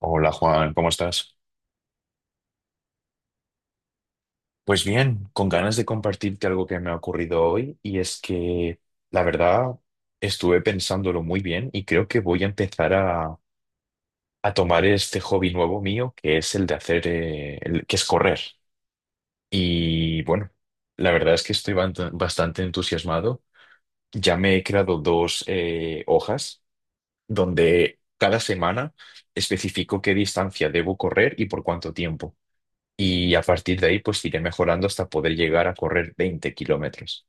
Hola Juan, ¿cómo estás? Pues bien, con ganas de compartirte algo que me ha ocurrido hoy y es que la verdad estuve pensándolo muy bien y creo que voy a empezar a tomar este hobby nuevo mío que es el de hacer, que es correr. Y bueno, la verdad es que estoy bastante entusiasmado. Ya me he creado dos hojas donde cada semana especifico qué distancia debo correr y por cuánto tiempo. Y a partir de ahí, pues iré mejorando hasta poder llegar a correr 20 km.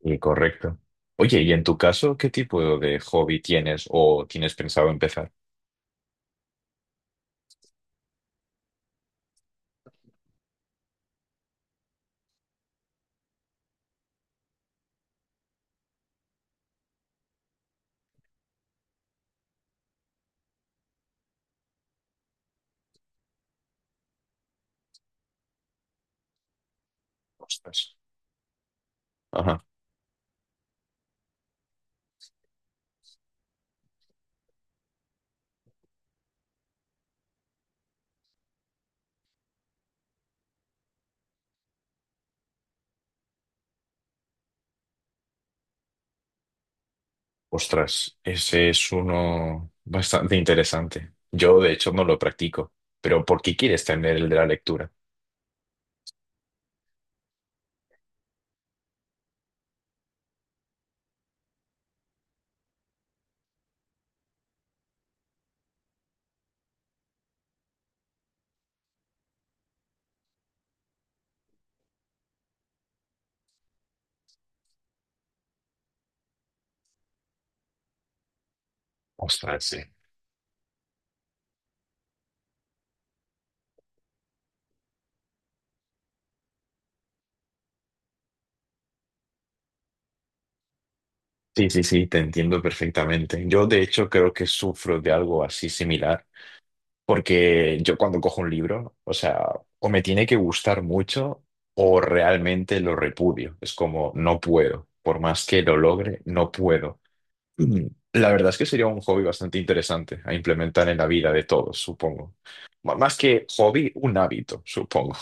Y correcto. Oye, ¿y en tu caso, qué tipo de hobby tienes o tienes pensado empezar? Ostras. Ajá. Ostras, ese es uno bastante interesante. Yo, de hecho, no lo practico. Pero ¿por qué quieres tener el de la lectura? Ostras, sí. Sí, sí, sí, te entiendo perfectamente. Yo, de hecho, creo que sufro de algo así similar, porque yo cuando cojo un libro, o sea, o me tiene que gustar mucho o realmente lo repudio. Es como, no puedo. Por más que lo logre, no puedo. Mm. La verdad es que sería un hobby bastante interesante a implementar en la vida de todos, supongo. Más que hobby, un hábito, supongo.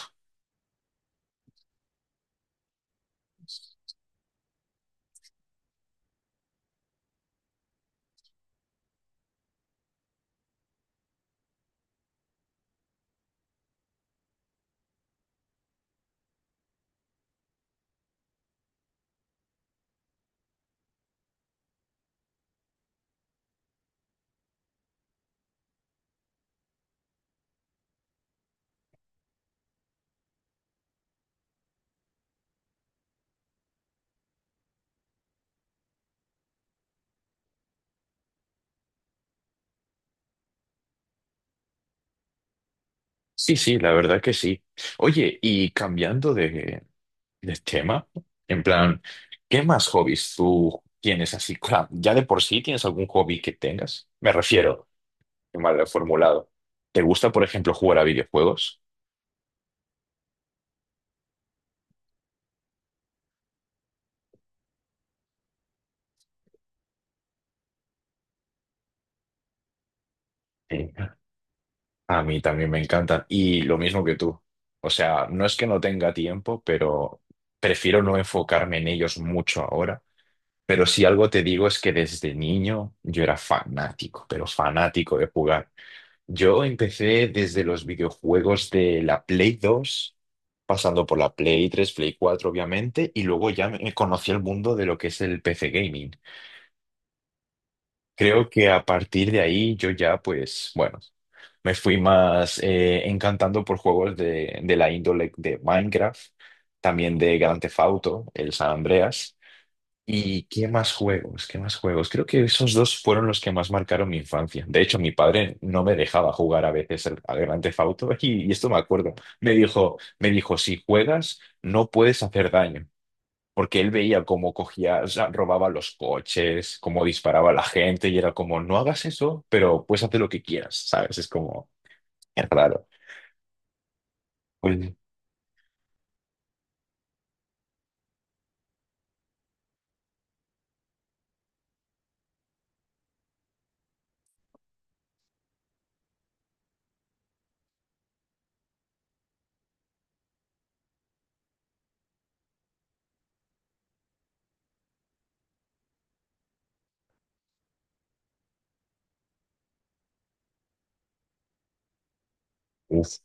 Sí, sí, la verdad que sí. Oye, el tema? En plan, ¿qué más hobbies tú tienes así? Claro, ya de por sí tienes algún hobby que tengas. Me refiero, qué mal lo he formulado. ¿Te gusta, por ejemplo, jugar a videojuegos? Sí. A mí también me encantan. Y lo mismo que tú. O sea, no es que no tenga tiempo, pero prefiero no enfocarme en ellos mucho ahora. Pero si algo te digo es que desde niño yo era fanático, pero fanático de jugar. Yo empecé desde los videojuegos de la Play 2, pasando por la Play 3, Play 4 obviamente, y luego ya me conocí el mundo de lo que es el PC gaming. Creo que a partir de ahí yo ya, pues, bueno, me fui más encantando por juegos de la índole de Minecraft, también de Grand Theft Auto, el San Andreas. ¿Y qué más juegos? ¿Qué más juegos? Creo que esos dos fueron los que más marcaron mi infancia. De hecho, mi padre no me dejaba jugar a veces al Grand Theft Auto y esto me acuerdo. Me dijo, si juegas, no puedes hacer daño. Porque él veía cómo cogía, o sea, robaba los coches, cómo disparaba a la gente y era como, no hagas eso, pero puedes hacer lo que quieras, ¿sabes? Es como, es raro. Pues, uf,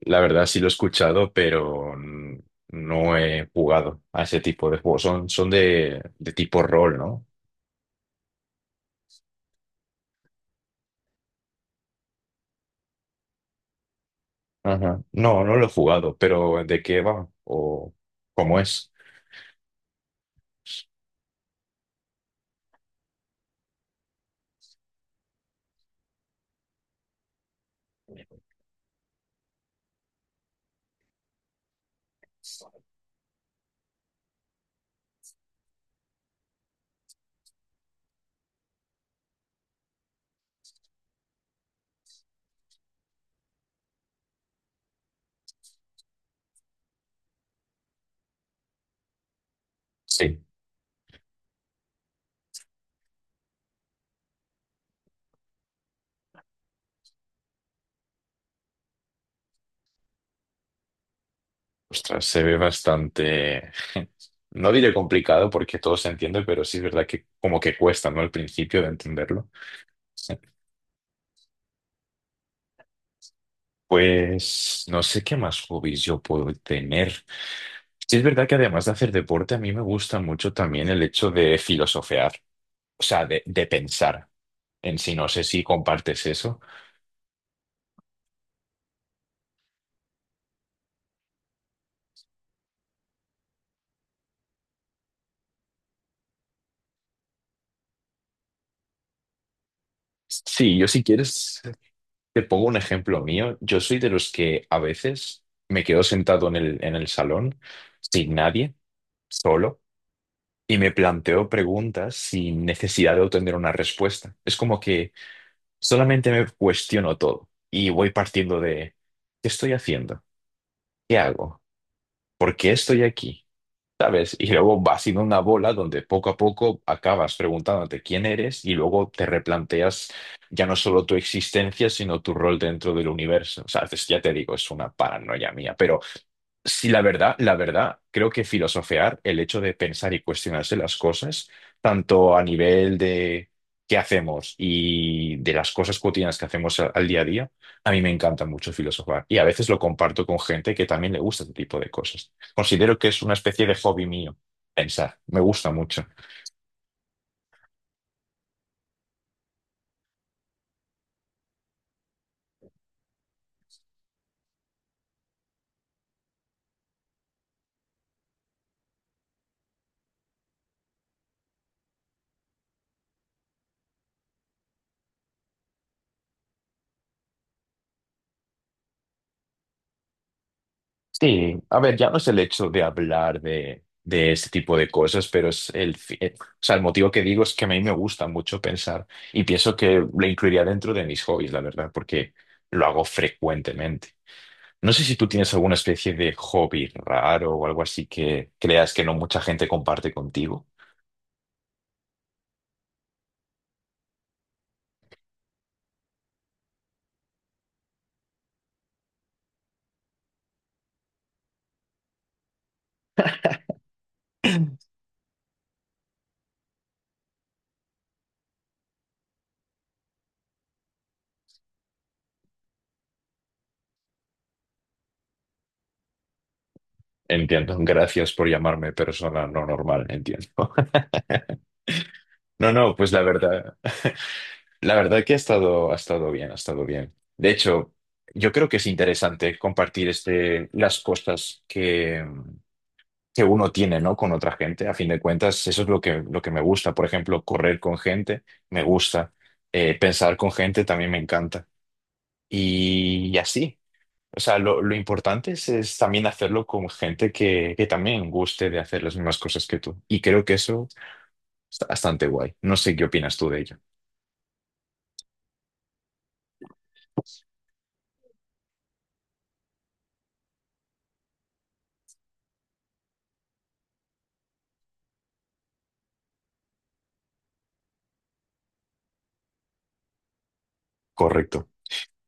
la verdad sí lo he escuchado, pero no he jugado a ese tipo de juegos. Son de tipo rol, ¿no? Ajá. No, no lo he jugado, pero ¿de qué va? ¿O cómo es? Sí. Ostras, se ve bastante... No diré complicado porque todo se entiende, pero sí es verdad que como que cuesta, ¿no? Al principio de entenderlo. Pues no sé qué más hobbies yo puedo tener. Sí es verdad que además de hacer deporte, a mí me gusta mucho también el hecho de filosofear, o sea, de pensar en sí. No sé si compartes eso. Sí, yo si quieres te pongo un ejemplo mío. Yo soy de los que a veces me quedo sentado en en el salón sin nadie, solo, y me planteo preguntas sin necesidad de obtener una respuesta. Es como que solamente me cuestiono todo y voy partiendo de, ¿qué estoy haciendo? ¿Qué hago? ¿Por qué estoy aquí? ¿Sabes? Y luego va siendo una bola donde poco a poco acabas preguntándote quién eres y luego te replanteas ya no solo tu existencia, sino tu rol dentro del universo. O sea, ya te digo, es una paranoia mía, pero sí, la verdad, creo que filosofear, el hecho de pensar y cuestionarse las cosas, tanto a nivel de qué hacemos y de las cosas cotidianas que hacemos al día a día, a mí me encanta mucho filosofar y a veces lo comparto con gente que también le gusta este tipo de cosas. Considero que es una especie de hobby mío pensar, me gusta mucho. Sí, a ver, ya no es el hecho de hablar de este tipo de cosas, pero es o sea, el motivo que digo es que a mí me gusta mucho pensar y pienso que lo incluiría dentro de mis hobbies, la verdad, porque lo hago frecuentemente. No sé si tú tienes alguna especie de hobby raro o algo así que creas que no mucha gente comparte contigo. Entiendo, gracias por llamarme persona no normal, entiendo. No, no, pues la verdad. La verdad que ha estado bien, ha estado bien. De hecho, yo creo que es interesante compartir este, las cosas que uno tiene, ¿no?, con otra gente. A fin de cuentas, eso es lo que me gusta. Por ejemplo, correr con gente me gusta. Pensar con gente también me encanta. Y así. O sea, lo importante es también hacerlo con gente que también guste de hacer las mismas cosas que tú. Y creo que eso está bastante guay. No sé qué opinas tú de ello. Correcto.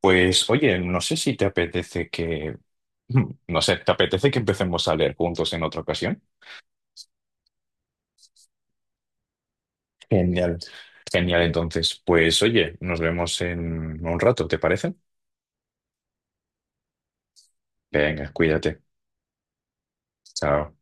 Pues oye, no sé si te no sé, ¿te apetece que empecemos a leer juntos en otra ocasión? Genial. Genial, entonces, pues oye, nos vemos en un rato, ¿te parece? Venga, cuídate. Chao.